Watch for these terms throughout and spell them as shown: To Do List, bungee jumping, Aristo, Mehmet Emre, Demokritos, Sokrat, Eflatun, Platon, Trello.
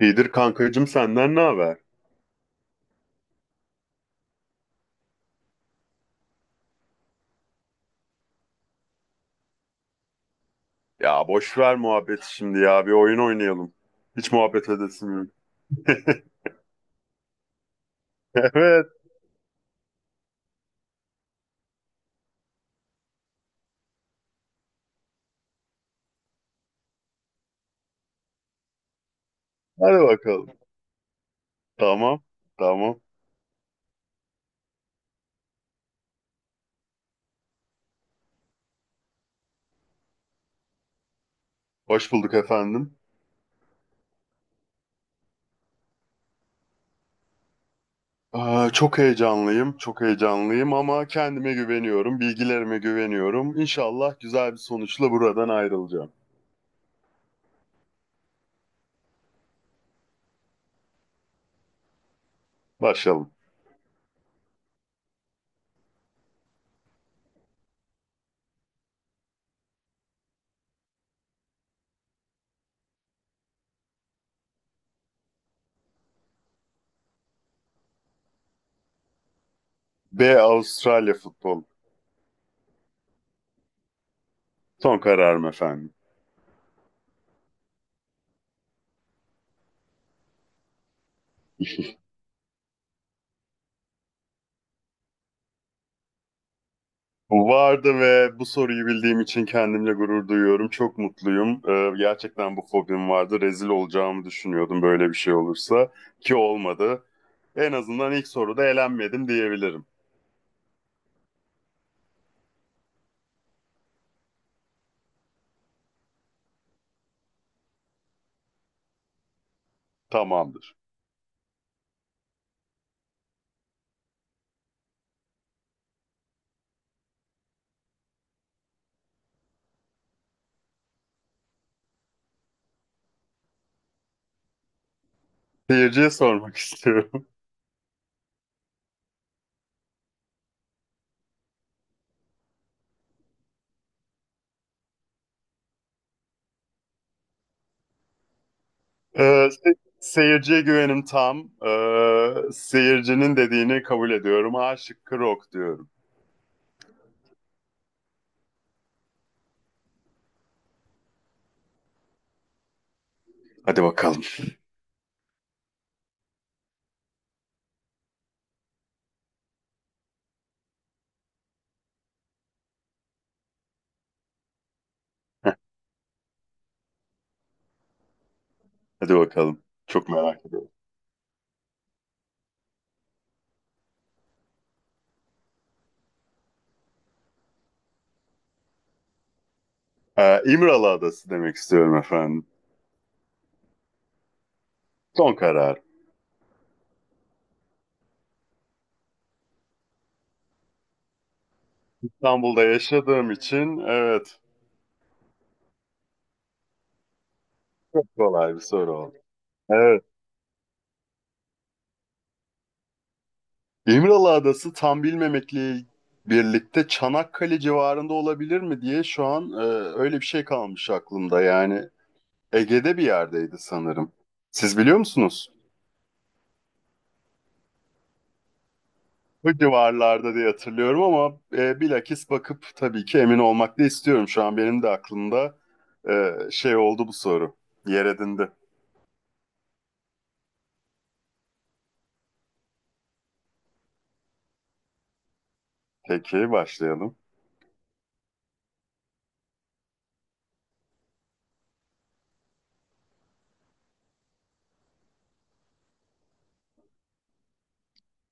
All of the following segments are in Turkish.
İyidir kankacığım senden ne haber? Ya boş ver muhabbeti şimdi ya bir oyun oynayalım. Hiç muhabbet edesim yok. Evet, hadi bakalım. Tamam tamam. Hoş bulduk efendim. Aa, çok heyecanlıyım çok heyecanlıyım ama kendime güveniyorum, bilgilerime güveniyorum. İnşallah güzel bir sonuçla buradan ayrılacağım. Başlayalım. B Avustralya futbol. Son kararım efendim. Vardı ve bu soruyu bildiğim için kendimle gurur duyuyorum. Çok mutluyum. Gerçekten bu fobim vardı. Rezil olacağımı düşünüyordum böyle bir şey olursa, ki olmadı. En azından ilk soruda elenmedim diyebilirim. Tamamdır. Seyirciye sormak istiyorum. Ee, seyirciye güvenim tam. Seyircinin dediğini kabul ediyorum. A şıkkı rock diyorum. Hadi bakalım. Hadi bakalım. Çok merak ediyorum. İmralı Adası demek istiyorum efendim. Son karar. İstanbul'da yaşadığım için evet, çok kolay bir soru oldu. Evet. İmralı Adası tam bilmemekle birlikte Çanakkale civarında olabilir mi diye şu an öyle bir şey kalmış aklımda. Yani Ege'de bir yerdeydi sanırım. Siz biliyor musunuz? Bu civarlarda diye hatırlıyorum ama bilakis bakıp tabii ki emin olmak da istiyorum. Şu an benim de aklımda şey oldu bu soru. Yer edindi. Peki başlayalım.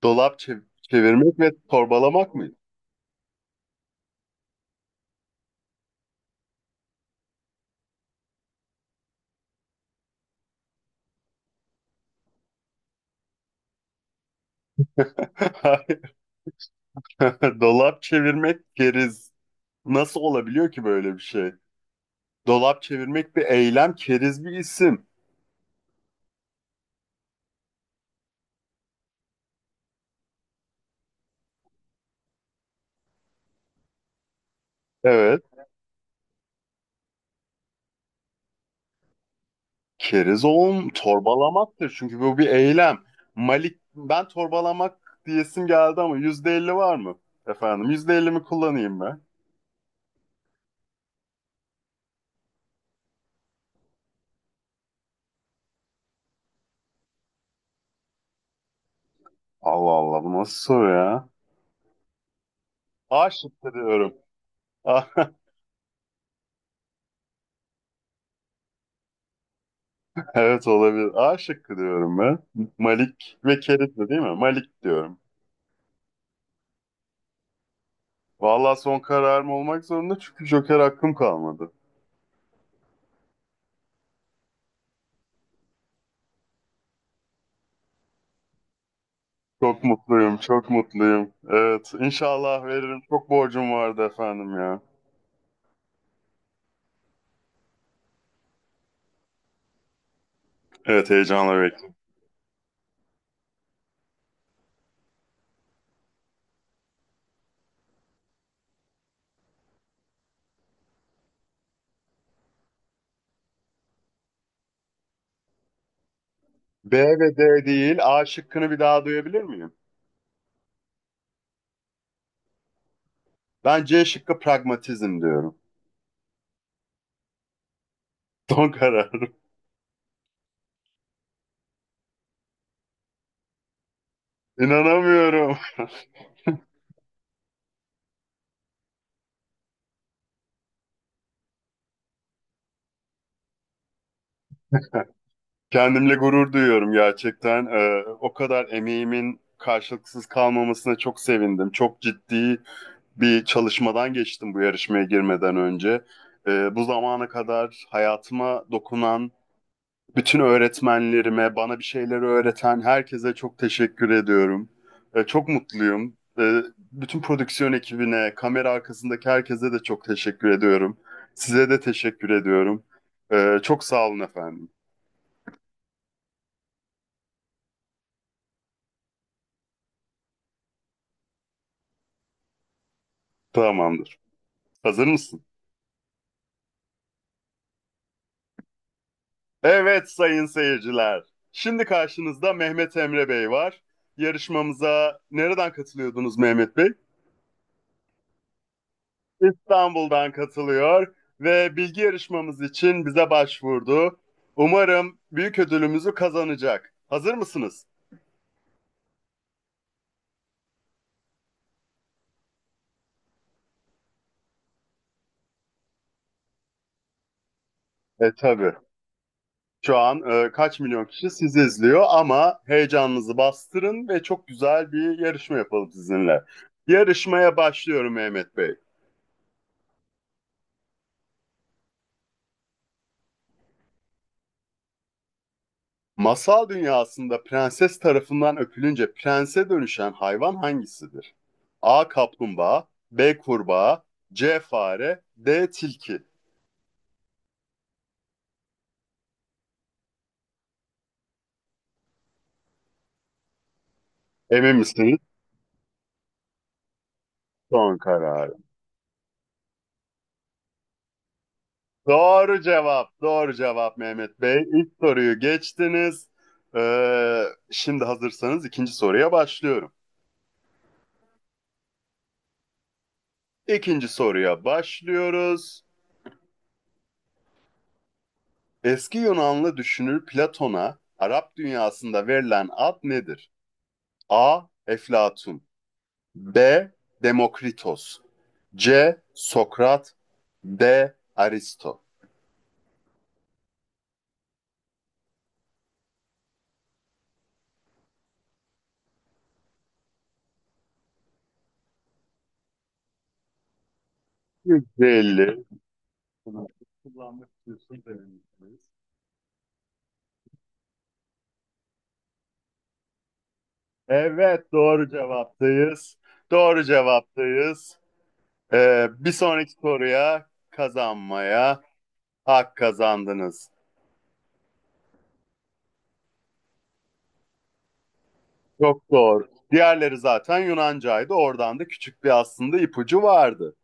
Dolap çevirmek ve torbalamak mıydı? Dolap çevirmek keriz. Nasıl olabiliyor ki böyle bir şey? Dolap çevirmek bir eylem, keriz bir isim. Evet. Keriz oğlum torbalamaktır. Çünkü bu bir eylem. Malik ben torbalamak diyesim geldi ama %50 var mı? Efendim yüzde elli mi kullanayım ben? Allah Allah bu nasıl soru ya? A şıkkı diyorum. A- Evet olabilir. A şıkkı diyorum ben. Malik ve Keriz de değil mi? Malik diyorum. Vallahi son kararım olmak zorunda çünkü Joker hakkım kalmadı. Çok mutluyum, çok mutluyum. Evet, inşallah veririm. Çok borcum vardı efendim ya. Evet, heyecanla bekliyorum. B ve D değil, A şıkkını bir daha duyabilir miyim? Ben C şıkkı pragmatizm diyorum. Son kararım. İnanamıyorum. Kendimle gurur duyuyorum gerçekten. O kadar emeğimin karşılıksız kalmamasına çok sevindim. Çok ciddi bir çalışmadan geçtim bu yarışmaya girmeden önce. Bu zamana kadar hayatıma dokunan bütün öğretmenlerime, bana bir şeyleri öğreten herkese çok teşekkür ediyorum. Çok mutluyum. Bütün prodüksiyon ekibine, kamera arkasındaki herkese de çok teşekkür ediyorum. Size de teşekkür ediyorum. Çok sağ olun efendim. Tamamdır. Hazır mısın? Evet, sayın seyirciler. Şimdi karşınızda Mehmet Emre Bey var. Yarışmamıza nereden katılıyordunuz, Mehmet Bey? İstanbul'dan katılıyor ve bilgi yarışmamız için bize başvurdu. Umarım büyük ödülümüzü kazanacak. Hazır mısınız? E tabii. Şu an kaç milyon kişi sizi izliyor ama heyecanınızı bastırın ve çok güzel bir yarışma yapalım sizinle. Yarışmaya başlıyorum Mehmet Bey. Masal dünyasında prenses tarafından öpülünce prense dönüşen hayvan hangisidir? A. Kaplumbağa B. Kurbağa C. Fare D. Tilki. Emin misiniz? Son kararı. Doğru cevap. Doğru cevap Mehmet Bey. İlk soruyu geçtiniz. Ee, şimdi hazırsanız ikinci soruya başlıyorum. İkinci soruya başlıyoruz. Eski Yunanlı düşünür Platon'a Arap dünyasında verilen ad nedir? A. Eflatun B. Demokritos C. Sokrat D. Aristo. 150 kullanmak istiyorsunuz. Evet, doğru cevaptayız. Doğru cevaptayız. Bir sonraki soruya kazanmaya hak kazandınız. Çok doğru. Diğerleri zaten Yunancaydı. Oradan da küçük bir aslında ipucu vardı.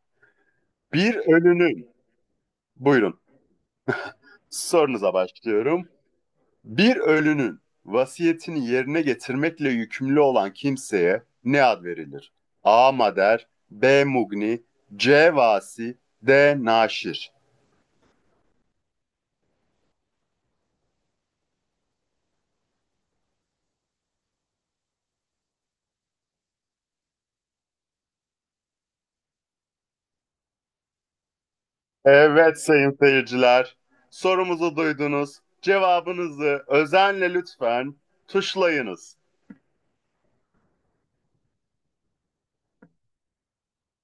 Bir ölünün, buyurun sorunuza başlıyorum. Bir ölünün vasiyetini yerine getirmekle yükümlü olan kimseye ne ad verilir? A. Mader, B. Mugni, C. Vasi, D. Naşir. Evet, sayın seyirciler. Sorumuzu duydunuz. Cevabınızı özenle lütfen tuşlayınız.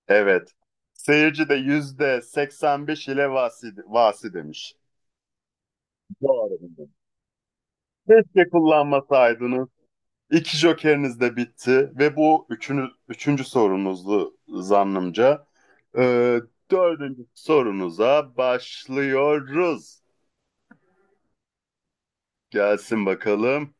Evet. Seyirci de %85 ile vasi, vasi demiş. Doğru bildim. Keşke kullanmasaydınız. İki jokeriniz de bitti ve bu üçüncü sorunuzdu zannımca. Ee, dördüncü sorunuza başlıyoruz. Gelsin bakalım.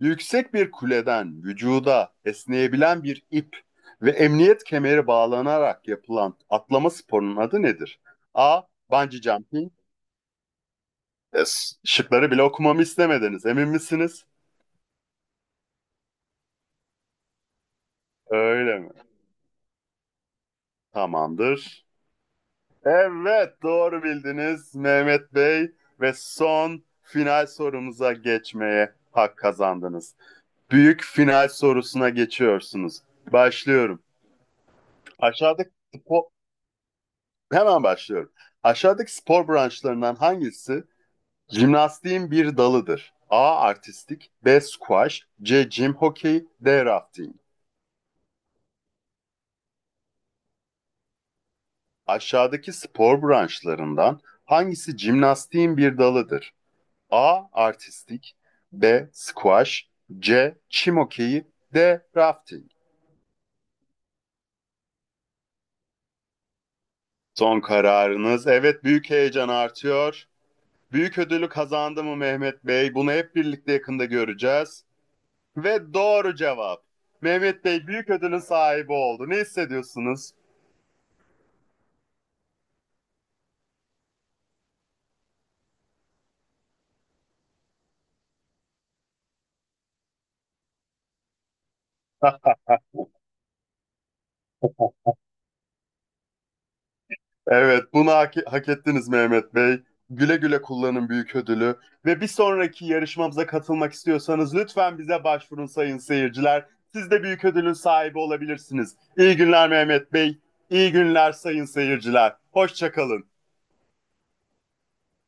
Yüksek bir kuleden vücuda esneyebilen bir ip ve emniyet kemeri bağlanarak yapılan atlama sporunun adı nedir? A. Bungee jumping. Şıkları bile okumamı istemediniz. Emin misiniz? Öyle mi? Tamamdır. Evet, doğru bildiniz Mehmet Bey ve son final sorumuza geçmeye hak kazandınız. Büyük final sorusuna geçiyorsunuz. Başlıyorum. Aşağıdaki Hemen başlıyorum. Aşağıdaki spor branşlarından hangisi jimnastiğin bir dalıdır? A. Artistik B. Squash C. Jim Hockey D. Rafting. Aşağıdaki spor branşlarından hangisi jimnastiğin bir dalıdır? A. Artistik B. Squash C. Çim hokeyi D. Rafting. Son kararınız. Evet, büyük heyecan artıyor. Büyük ödülü kazandı mı Mehmet Bey? Bunu hep birlikte yakında göreceğiz. Ve doğru cevap. Mehmet Bey büyük ödülün sahibi oldu. Ne hissediyorsunuz? Evet, bunu hak ettiniz Mehmet Bey. Güle güle kullanın büyük ödülü. Ve bir sonraki yarışmamıza katılmak istiyorsanız lütfen bize başvurun sayın seyirciler. Siz de büyük ödülün sahibi olabilirsiniz. İyi günler Mehmet Bey. İyi günler sayın seyirciler. Hoşçakalın.